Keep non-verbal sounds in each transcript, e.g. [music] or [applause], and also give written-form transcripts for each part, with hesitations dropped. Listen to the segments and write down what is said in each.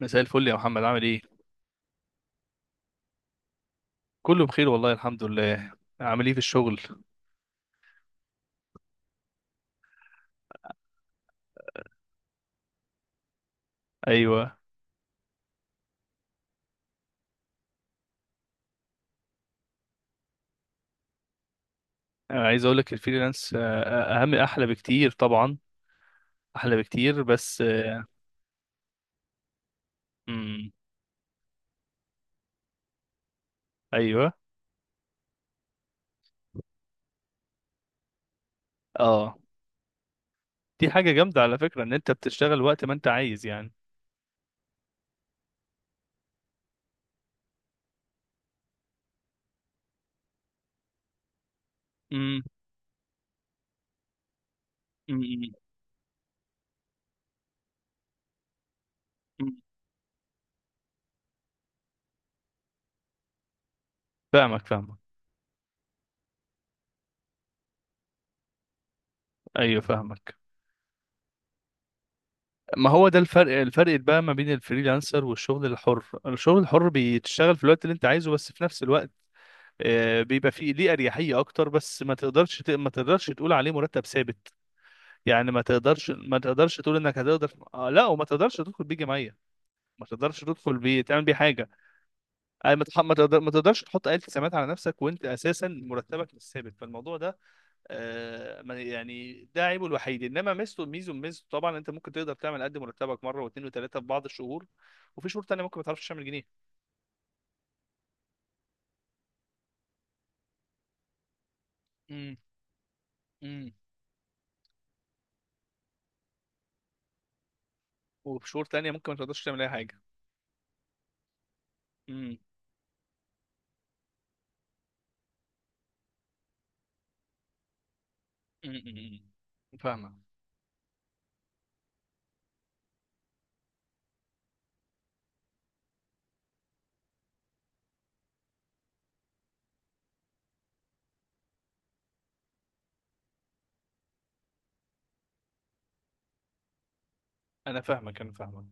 مساء الفل يا محمد، عامل ايه؟ كله بخير والله، الحمد لله. عامل ايه في الشغل؟ ايوه. أنا عايز اقول لك، الفريلانس اهم، احلى بكتير طبعا، احلى بكتير، بس امم. ايوه. اه، دي حاجه جامده على فكره، ان انت بتشتغل وقت ما انت عايز يعني. امم. أمم، أمم، أمم. فاهمك فاهمك. ايوه فاهمك. ما هو ده الفرق، الفرق بقى ما بين الفريلانسر والشغل الحر. الشغل الحر بتشتغل في الوقت اللي انت عايزه، بس في نفس الوقت بيبقى فيه ليه اريحيه اكتر، بس ما تقدرش ما تقدرش تقول عليه مرتب ثابت. يعني ما تقدرش تقول انك هتقدر لا، وما تقدرش تدخل بيه جمعيه، ما تقدرش تدخل بيه تعمل بيه حاجه. يعني ما تقدرش تحط اي التزامات على نفسك، وانت اساسا مرتبك مش ثابت. فالموضوع ده يعني ده عيبه الوحيد، انما ميزته طبعا انت ممكن تقدر تعمل قد مرتبك مره واثنين وثلاثه في بعض الشهور، وفي شهور تانية ممكن ما تعرفش تعمل جنيه. امم، امم. وفي شهور تانية ممكن ما تقدرش تعمل اي حاجه. م- م- م. فاهمك، انا فاهمك.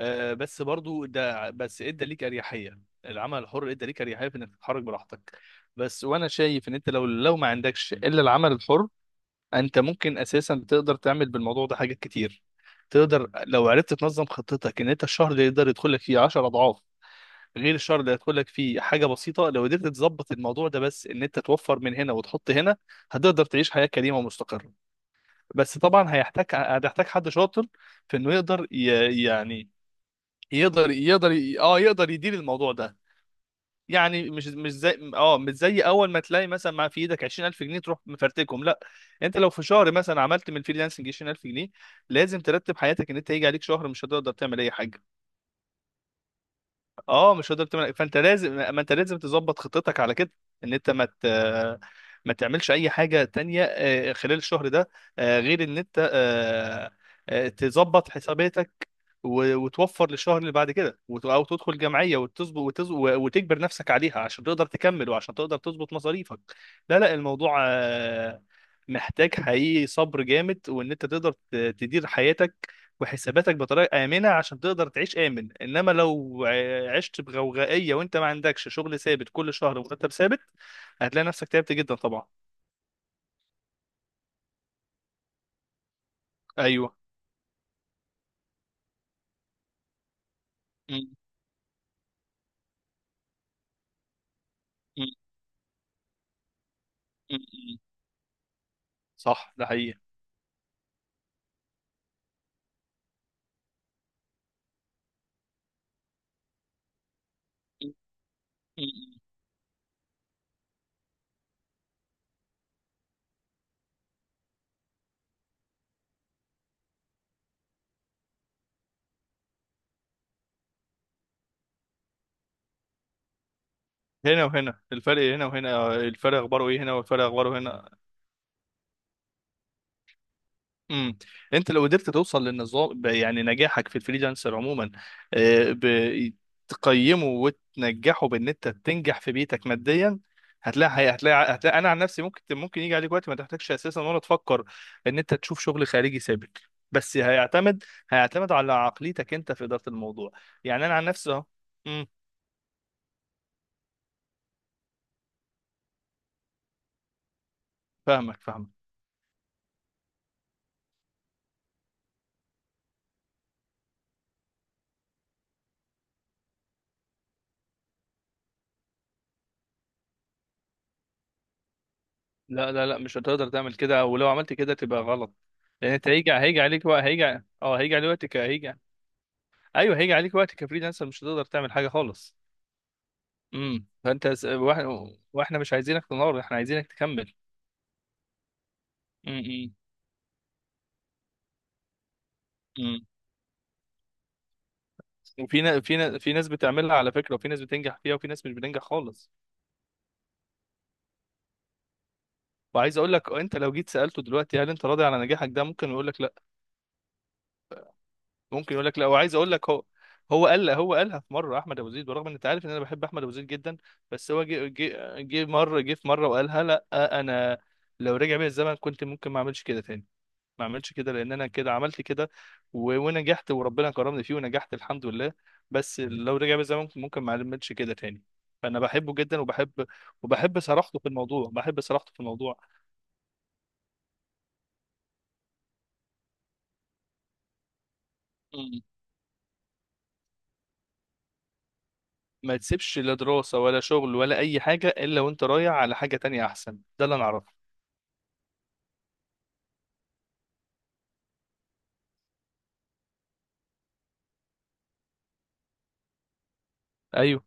أه بس برضو ده، بس ادى ليك اريحيه. العمل الحر ادى ليك اريحيه في انك تتحرك براحتك. بس، وانا شايف ان انت لو ما عندكش الا العمل الحر، انت ممكن اساسا تقدر تعمل بالموضوع ده حاجات كتير. تقدر لو عرفت تنظم خطتك، ان انت الشهر اللي يقدر يدخل لك فيه 10 اضعاف غير الشهر اللي هيدخل لك فيه حاجه بسيطه. لو قدرت تظبط الموضوع ده، بس ان انت توفر من هنا وتحط هنا، هتقدر تعيش حياه كريمه ومستقره. بس طبعا هيحتاج، حد شاطر في انه يقدر يعني يقدر يقدر ي- اه يقدر يدير الموضوع ده. يعني مش مش زي اه مش زي اول ما تلاقي مثلا مع في ايدك 20000 جنيه تروح مفرتكهم، لا. انت لو في شهر مثلا عملت من الفريلانسنج 20000 جنيه، لازم ترتب حياتك، ان انت هيجي عليك شهر مش هتقدر تعمل اي حاجه. اه، مش هتقدر تعمل. فانت لازم، ما انت لازم تظبط خطتك على كده، ان انت ما تعملش اي حاجه تانية خلال الشهر ده، غير ان انت تظبط حساباتك، وتوفر للشهر اللي بعد كده، او تدخل جمعيه وتظبط وتجبر نفسك عليها، عشان تقدر تكمل، وعشان تقدر تظبط مصاريفك. لا لا، الموضوع محتاج حقيقي صبر جامد، وان انت تقدر تدير حياتك وحساباتك بطريقه امنه عشان تقدر تعيش امن. انما لو عشت بغوغائيه وانت ما عندكش شغل ثابت كل شهر ومرتب ثابت، هتلاقي نفسك تعبت جدا طبعا. ايوه. م- م- م- م. صح، ده حقيقي. هنا وهنا الفرق، هنا وهنا الفرق، اخباره ايه هنا، والفرق اخباره هنا. امم. انت لو قدرت توصل للنظام يعني، نجاحك في الفريلانسر عموما آه، ب- تقيمه وتنجحه بان انت تنجح في بيتك ماديا. هتلاقي هتلاقي، انا عن نفسي ممكن، ممكن يجي عليك وقت ما تحتاجش اساسا ولا تفكر ان انت تشوف شغل خارجي ثابت. بس هيعتمد، على عقليتك انت في اداره الموضوع. يعني انا عن نفسي اهو. امم. فاهمك فاهمك. لا لا لا، مش هتقدر تعمل كده، ولو عملت كده تبقى غلط. لان انت هيجي، عليك وقت هيجي. اه، هيجي عليك وقتك، هيجي. ايوه، هيجي عليك وقت كفريلانسر مش هتقدر تعمل حاجه خالص. امم. فانت واحنا مش عايزينك تنهار، احنا عايزينك تكمل. امم، امم، امم. وفي ناس، في ناس في ناس بتعملها على فكره، وفي ناس بتنجح فيها، وفي ناس مش بتنجح خالص. وعايز اقول لك، انت لو جيت سالته دلوقتي هل انت راضي على نجاحك ده، ممكن يقول لك لا. ممكن يقول لك لا، وعايز اقول لك هو قالها في مره، احمد ابو زيد، بالرغم ان انت عارف ان انا بحب احمد ابو زيد جدا. بس هو جه في مره وقالها لا. انا، لو رجع بيا الزمن، كنت ممكن ما اعملش كده تاني. ما اعملش كده، لان انا كده عملت كده ونجحت، وربنا كرمني فيه ونجحت الحمد لله. بس لو رجع بيا الزمن ممكن ما اعملش كده تاني. فانا بحبه جدا، وبحب صراحته في الموضوع، مم. ما تسيبش لا دراسة ولا شغل ولا أي حاجة، إلا وأنت رايح على حاجة تانية أحسن، ده اللي أنا أعرفه. ايوه.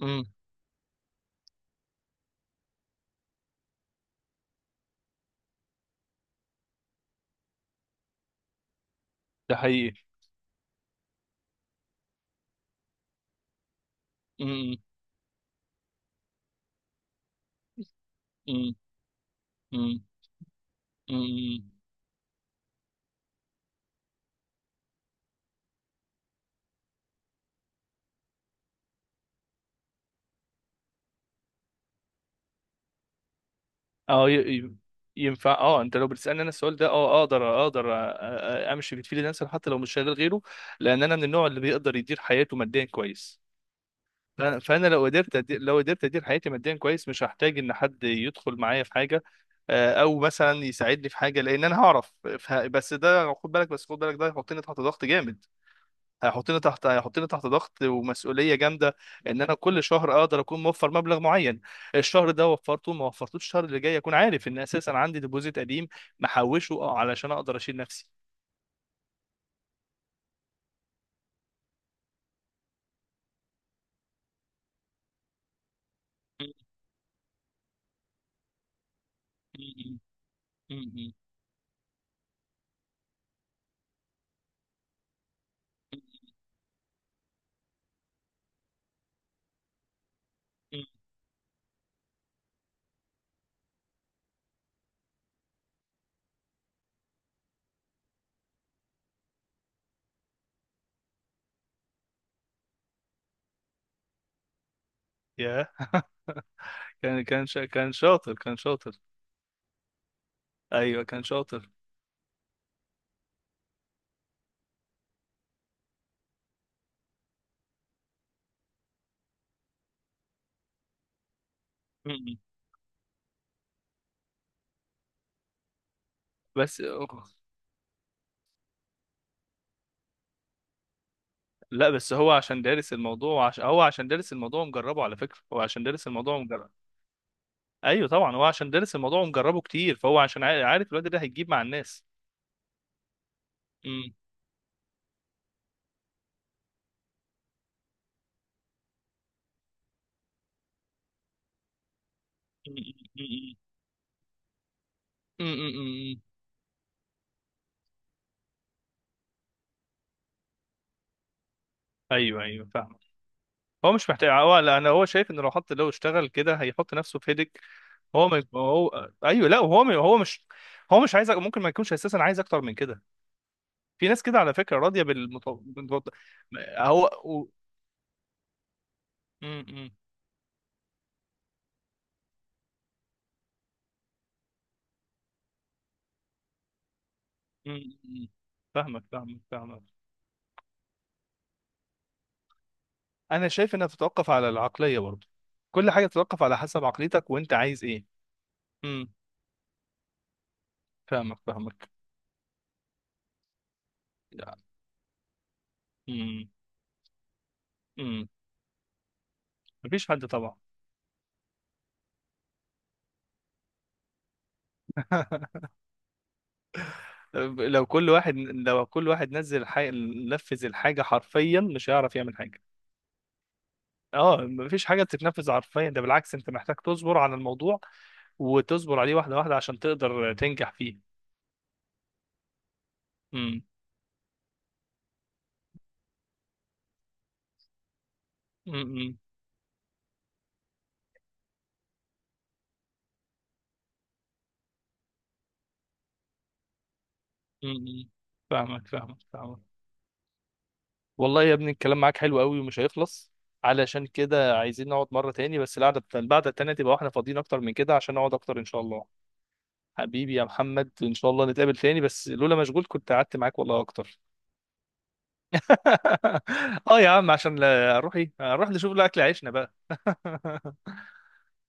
امم. ده حقيقي. امم، امم، امم، امم. اه، ينفع. اه، انت لو بتسالني انا السؤال ده، اه، اقدر، اقدر أ- امشي بتفيل نفسي حتى لو مش شغال غيره، لان انا من النوع اللي بيقدر يدير حياته ماديا كويس. فانا لو قدرت ادير حياتي ماديا كويس، مش هحتاج ان حد يدخل معايا في حاجه او مثلا يساعدني في حاجه، لان انا هعرف. بس ده خد بالك، ده هيحطني تحت ضغط جامد. هيحطني تحت ضغط ومسؤوليه جامده، ان انا كل شهر اقدر اكون موفر مبلغ معين. الشهر ده وفرته، ما وفرتوش الشهر اللي جاي، اكون عارف ان اساسا عندي ديبوزيت قديم محوشه، اه، علشان اقدر اشيل نفسي. [laughs] يا [laughs] كان شاطر، كان شاطر. ايوه كان شاطر. م-م. بس، لا، بس هو عشان دارس الموضوع هو عشان دارس الموضوع، مجربه على فكره، هو عشان دارس الموضوع. ايوه طبعا، هو عشان دارس الموضوع ومجربه كتير، فهو عشان عارف الواد ده هيجيب مع الناس. امم، امم. ايوه، ايوه، فاهم. هو مش محتاج، هو، لا، انا هو شايف ان لو حط، لو اشتغل كده هيحط نفسه في هيدك. هو ما هو، ايوه، لا، هو مش عايز، ممكن ما يكونش اساسا عايز اكتر من كده. في ناس كده على فكره، راضيه بالمط... بالمط... هو و... م- م- م- م. فاهمك فاهمك فاهمك. انا شايف انها تتوقف على العقليه برضه، كل حاجه تتوقف على حسب عقليتك وانت عايز ايه. فاهمك فاهمك. يعني. امم، امم. مفيش حد طبعا. [laughs] لو كل واحد، نزل نفذ الحاجه حرفيا، مش هيعرف يعمل حاجه. اه، مفيش حاجه بتتنفذ حرفيا، ده بالعكس انت محتاج تصبر على الموضوع، وتصبر عليه واحده واحده عشان تقدر تنجح فيه. امم، امم، امم. فاهمك فاهمك فاهمك. والله يا ابني، الكلام معاك حلو قوي ومش هيخلص، علشان كده عايزين نقعد مره تاني، بس القعده، التانيه تبقى واحنا فاضيين اكتر من كده عشان نقعد اكتر ان شاء الله. حبيبي يا محمد، ان شاء الله نتقابل تاني، بس لولا مشغول كنت قعدت معاك والله اكتر. [laughs] اه يا عم، عشان اروح، ايه، اروح نشوف له اكل عيشنا بقى. [laughs]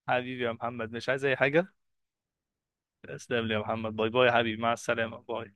حبيبي يا محمد، مش عايز اي حاجه. تسلم لي يا محمد، باي باي يا حبيبي، مع السلامه، باي.